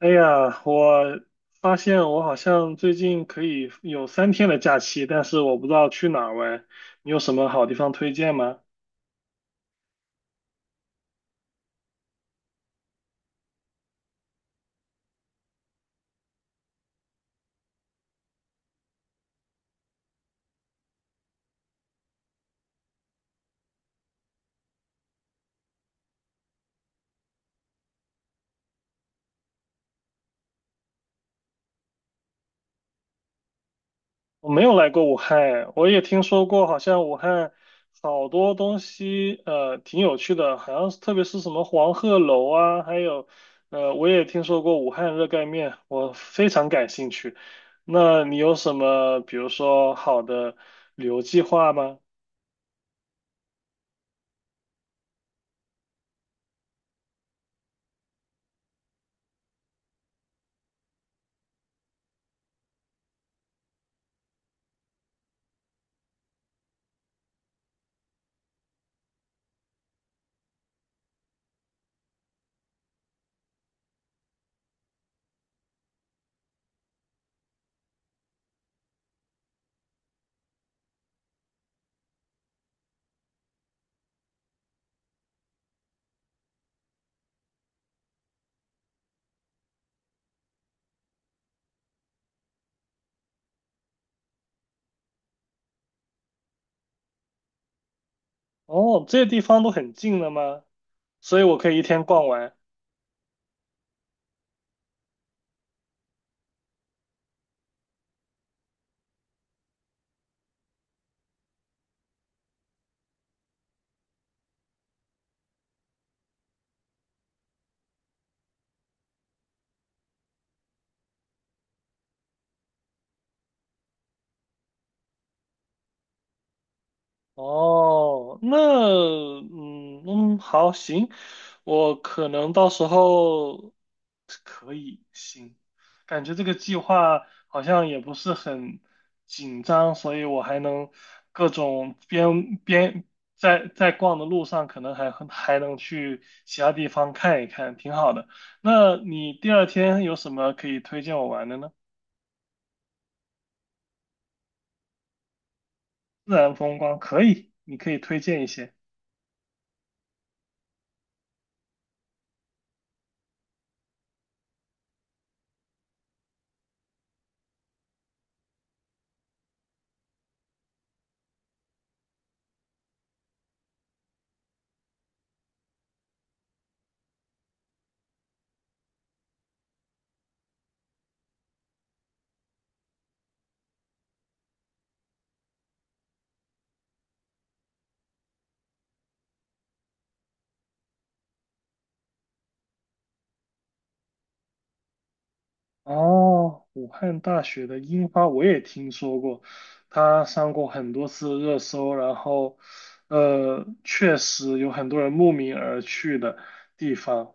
哎呀，我发现我好像最近可以有三天的假期，但是我不知道去哪儿玩。你有什么好地方推荐吗？我没有来过武汉哎我也听说过，好像武汉好多东西挺有趣的，好像是特别是什么黄鹤楼啊，还有我也听说过武汉热干面，我非常感兴趣。那你有什么比如说好的旅游计划吗？哦，这些地方都很近的吗？所以我可以一天逛完。哦，那嗯嗯，好，行，我可能到时候可以，行，感觉这个计划好像也不是很紧张，所以我还能各种边边在逛的路上，可能还能去其他地方看一看，挺好的。那你第二天有什么可以推荐我玩的呢？自然风光可以，你可以推荐一些。哦，武汉大学的樱花我也听说过，它上过很多次热搜，然后，确实有很多人慕名而去的地方，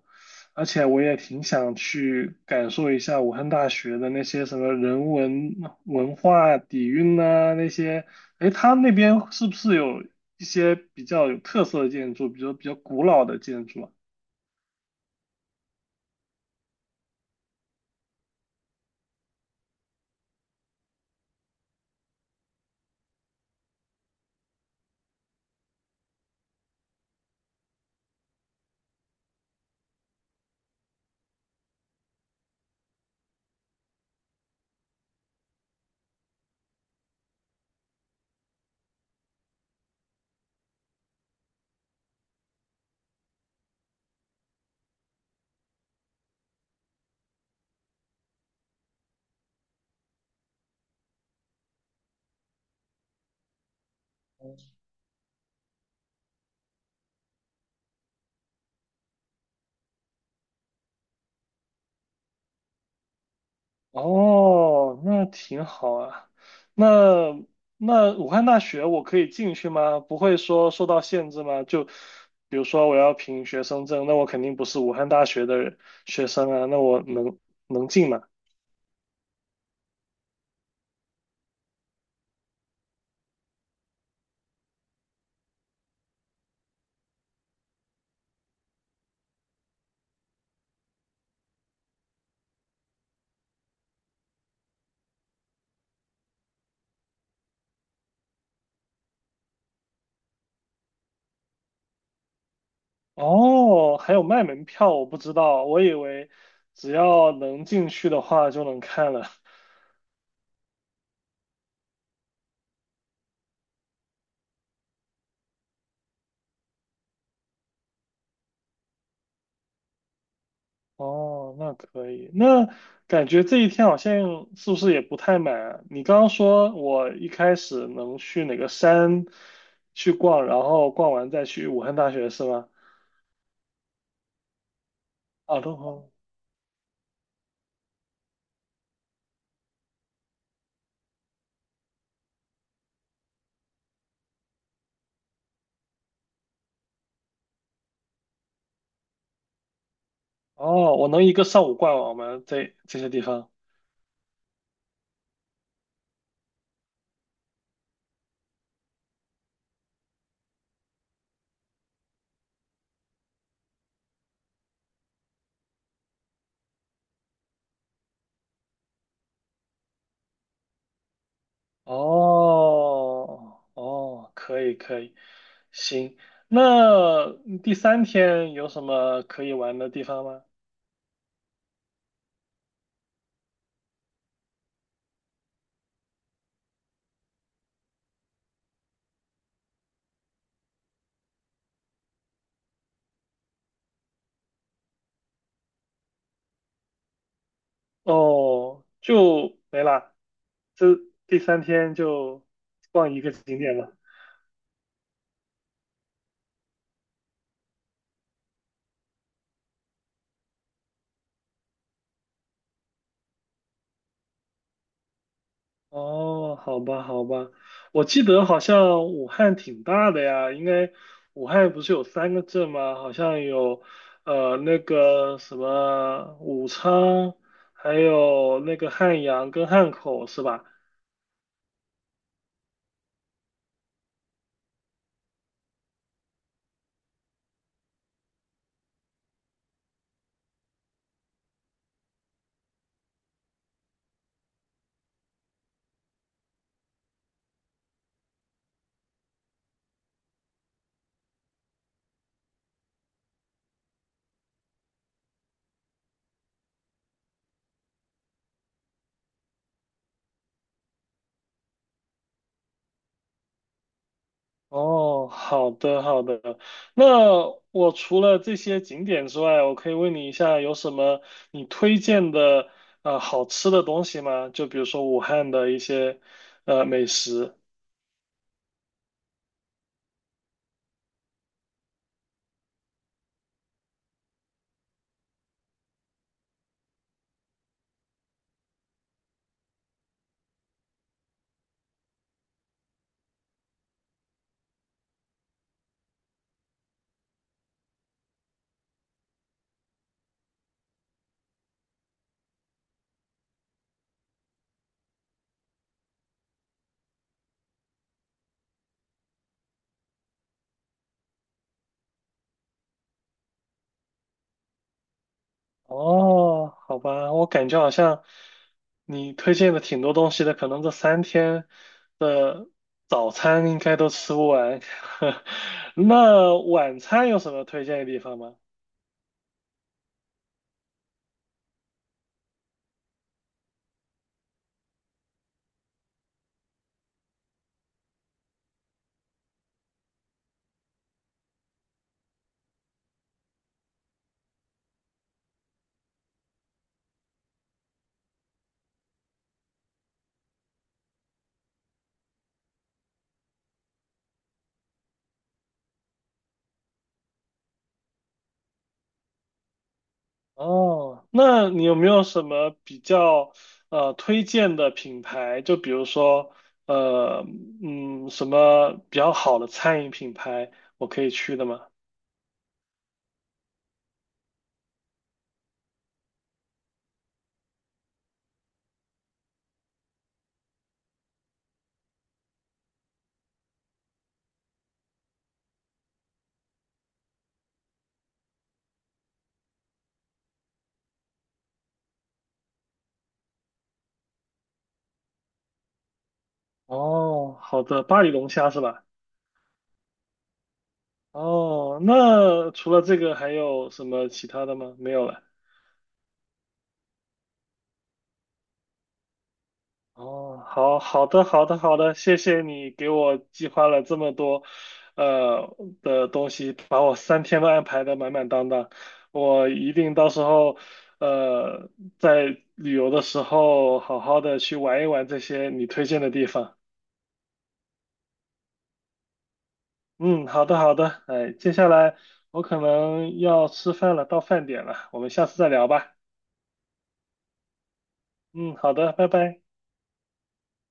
而且我也挺想去感受一下武汉大学的那些什么人文文化底蕴呐、那些，诶，它那边是不是有一些比较有特色的建筑，比如比较古老的建筑啊？哦，那挺好啊。那武汉大学我可以进去吗？不会说受到限制吗？就比如说我要凭学生证，那我肯定不是武汉大学的学生啊，那我能进吗？哦，还有卖门票，我不知道，我以为只要能进去的话就能看了。哦，那可以。那感觉这一天好像是不是也不太满啊？你刚刚说我一开始能去哪个山去逛，然后逛完再去武汉大学是吗？啊，东方。哦，我能一个上午逛完我们这些地方。哦，哦，可以可以，行。那第三天有什么可以玩的地方吗？哦，就没了，这第三天就逛一个景点了。哦，好吧，好吧，我记得好像武汉挺大的呀，应该武汉不是有三个镇吗？好像有那个什么武昌，还有那个汉阳跟汉口是吧？哦，好的好的。那我除了这些景点之外，我可以问你一下，有什么你推荐的好吃的东西吗？就比如说武汉的一些美食。哦，好吧，我感觉好像你推荐的挺多东西的，可能这三天的早餐应该都吃不完。那晚餐有什么推荐的地方吗？哦，那你有没有什么比较推荐的品牌？就比如说呃什么比较好的餐饮品牌，我可以去的吗？哦，好的，巴黎龙虾是吧？哦，那除了这个还有什么其他的吗？没有了。哦，好好的，好的，好的，谢谢你给我计划了这么多，呃的东西，把我三天都安排的满满当当。我一定到时候，呃，在旅游的时候好好的去玩一玩这些你推荐的地方。嗯，好的，好的，哎，接下来我可能要吃饭了，到饭点了，我们下次再聊吧。嗯，好的，拜拜。